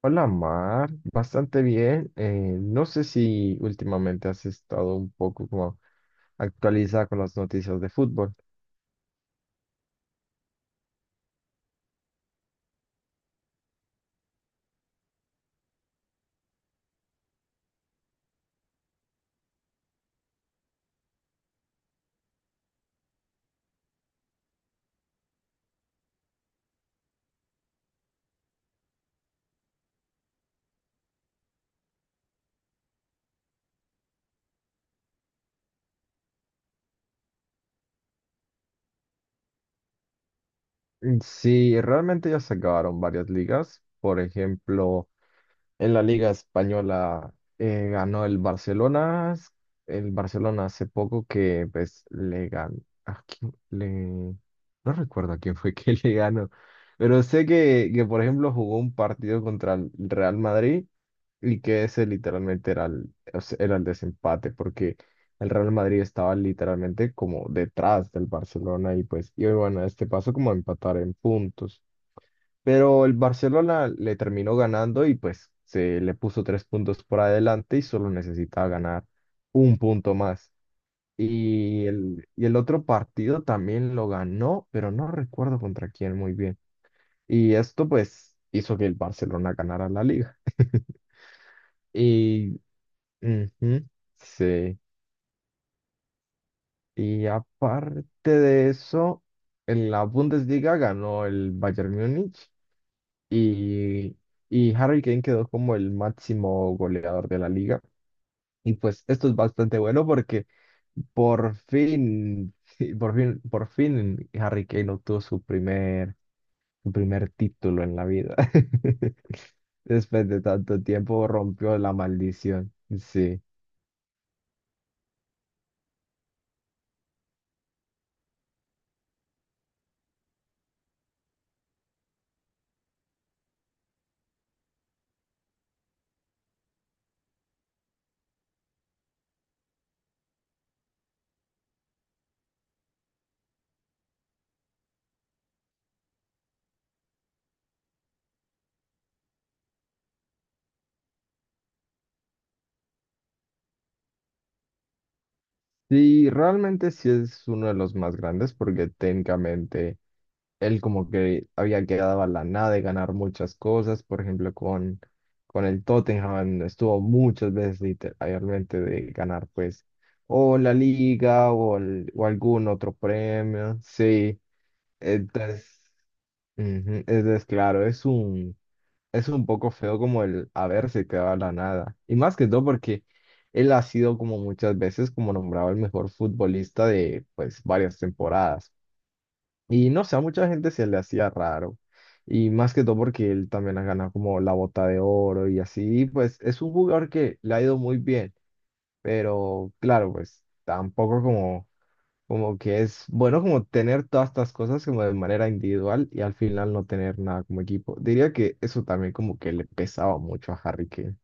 Hola Mar, bastante bien. No sé si últimamente has estado un poco como actualizada con las noticias de fútbol. Mm, sí, realmente ya se acabaron varias ligas. Por ejemplo, en la Liga Española ganó el Barcelona. El Barcelona hace poco que pues le ganó. ¿A quién le... No recuerdo a quién fue que le ganó. Pero sé que, por ejemplo, jugó un partido contra el Real Madrid y que ese literalmente era era el desempate porque el Real Madrid estaba literalmente como detrás del Barcelona y pues, y bueno, este pasó como a empatar en puntos. Pero el Barcelona le terminó ganando y pues se le puso tres puntos por adelante y solo necesitaba ganar un punto más. Y el otro partido también lo ganó, pero no recuerdo contra quién muy bien. Y esto pues hizo que el Barcelona ganara la liga. Y ujú, sí. Y aparte de eso, en la Bundesliga ganó el Bayern Múnich y, y Harry Kane quedó como el máximo goleador de la liga. Y pues esto es bastante bueno porque por fin, sí, por fin Harry Kane obtuvo su primer título en la vida. Después de tanto tiempo rompió la maldición. Sí. Y realmente sí es uno de los más grandes porque técnicamente él como que había quedado a la nada de ganar muchas cosas, por ejemplo, con el Tottenham estuvo muchas veces literalmente de ganar pues o la liga o o algún otro premio, sí, entonces, ujú, entonces, claro, es un poco feo como el haberse quedado a la nada, y más que todo porque él ha sido como muchas veces como nombrado el mejor futbolista de pues varias temporadas. Y no sé, a mucha gente se le hacía raro. Y más que todo porque él también ha ganado como la bota de oro y así, y pues es un jugador que le ha ido muy bien, pero claro, pues tampoco como, como que es bueno como tener todas estas cosas como de manera individual y al final no tener nada como equipo. Diría que eso también como que le pesaba mucho a Harry Kane.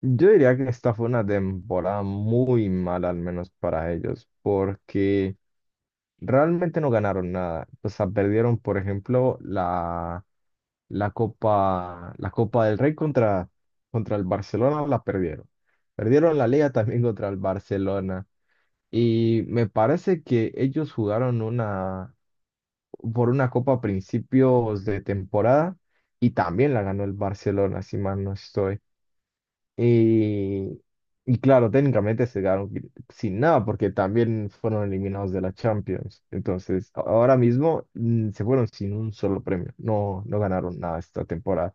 Yo diría que esta fue una temporada muy mala, al menos para ellos, porque... realmente no ganaron nada. O sea, perdieron, por ejemplo, la Copa del Rey contra el Barcelona, la perdieron. Perdieron la Liga también contra el Barcelona. Y me parece que ellos jugaron por una Copa a principios de temporada y también la ganó el Barcelona, si mal no estoy. Y, y claro, técnicamente se quedaron sin nada porque también fueron eliminados de la Champions. Entonces, ahora mismo se fueron sin un solo premio. No, no ganaron nada esta temporada.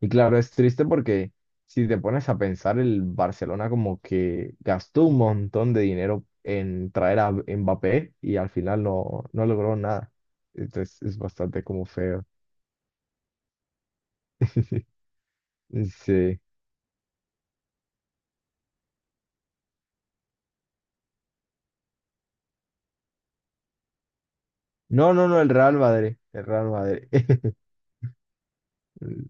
Y claro, es triste porque si te pones a pensar, el Barcelona como que gastó un montón de dinero en traer a Mbappé y al final no, no logró nada. Entonces, es bastante como feo. Sí. No, no, no, el Real Madrid. El Real Madrid. Mm,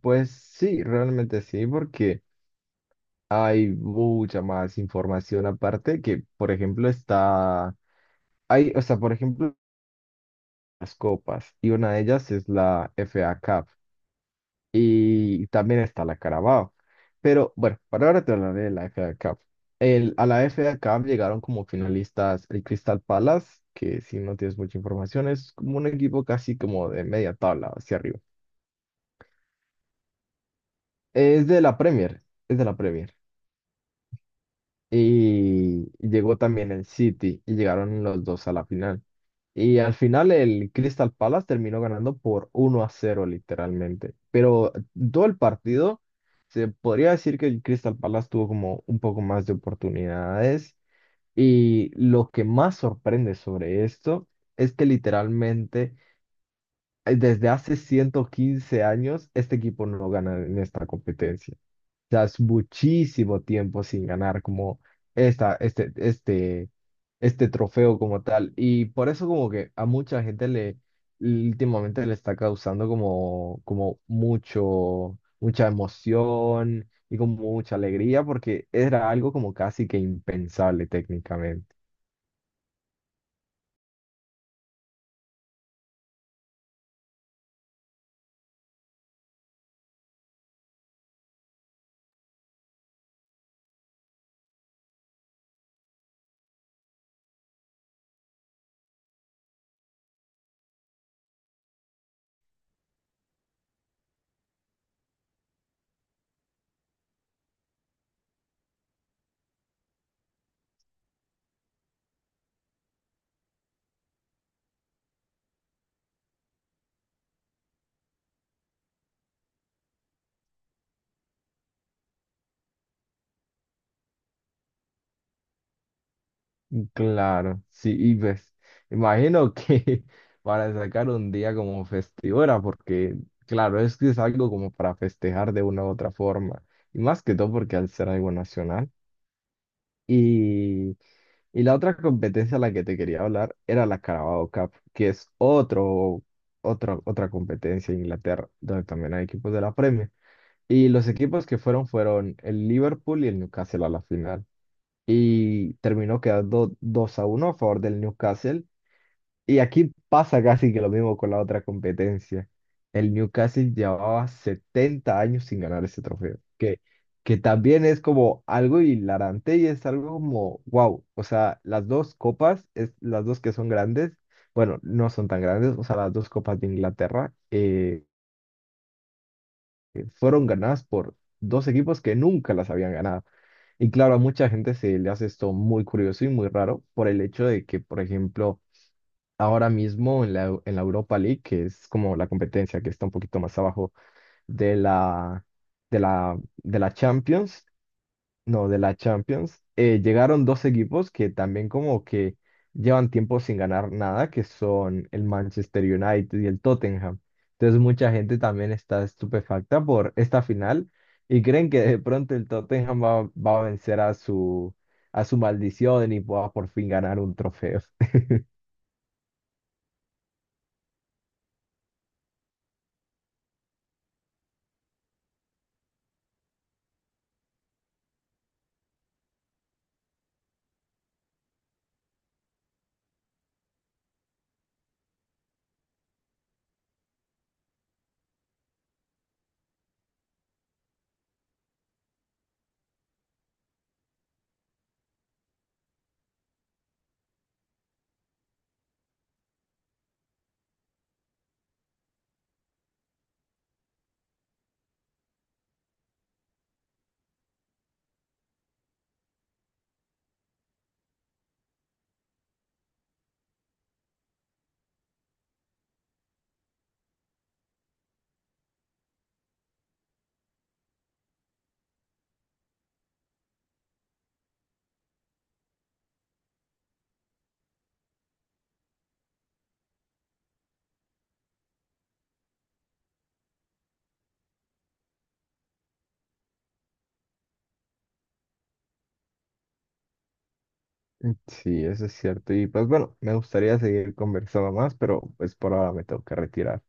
pues sí, realmente sí, porque hay mucha más información aparte que, por ejemplo, está, hay, o sea, por ejemplo, las copas, y una de ellas es la FA Cup, y también está la Carabao. Pero bueno, para ahora te hablaré de la FA Cup. A la FA Cup llegaron como finalistas el Crystal Palace, que si no tienes mucha información es como un equipo casi como de media tabla hacia arriba. Es de la Premier, es de la Premier. Y llegó también el City y llegaron los dos a la final. Y al final el Crystal Palace terminó ganando por 1-0 literalmente. Pero todo el partido se podría decir que el Crystal Palace tuvo como un poco más de oportunidades. Y lo que más sorprende sobre esto es que literalmente desde hace 115 años este equipo no gana en esta competencia. Sea, muchísimo tiempo sin ganar como esta, este, este, este trofeo como tal. Y por eso como que a mucha gente le últimamente le está causando como, como mucha emoción y como mucha alegría porque era algo como casi que impensable técnicamente. Claro, sí, y pues imagino que para sacar un día como festivo era porque, claro, es que es algo como para festejar de una u otra forma, y más que todo porque al ser algo nacional. Y, y la otra competencia a la que te quería hablar era la Carabao Cup, que es otra competencia en Inglaterra, donde también hay equipos de la Premier. Y los equipos que fueron fueron el Liverpool y el Newcastle a la final. Y terminó quedando 2-1 a favor del Newcastle y aquí pasa casi que lo mismo con la otra competencia. El Newcastle llevaba 70 años sin ganar ese trofeo, que también es como algo hilarante y es algo como, wow, o sea, las dos copas, es, las dos que son grandes, bueno, no son tan grandes, o sea, las dos copas de Inglaterra fueron ganadas por dos equipos que nunca las habían ganado. Y claro, a mucha gente se le hace esto muy curioso y muy raro por el hecho de que, por ejemplo, ahora mismo en en la Europa League, que es como la competencia que está un poquito más abajo de la, de la Champions, no, de la Champions, llegaron dos equipos que también como que llevan tiempo sin ganar nada, que son el Manchester United y el Tottenham. Entonces mucha gente también está estupefacta por esta final y creen que de pronto el Tottenham va a vencer a a su maldición y pueda por fin ganar un trofeo. Sí, eso es cierto. Y pues bueno, me gustaría seguir conversando más, pero pues por ahora me tengo que retirar.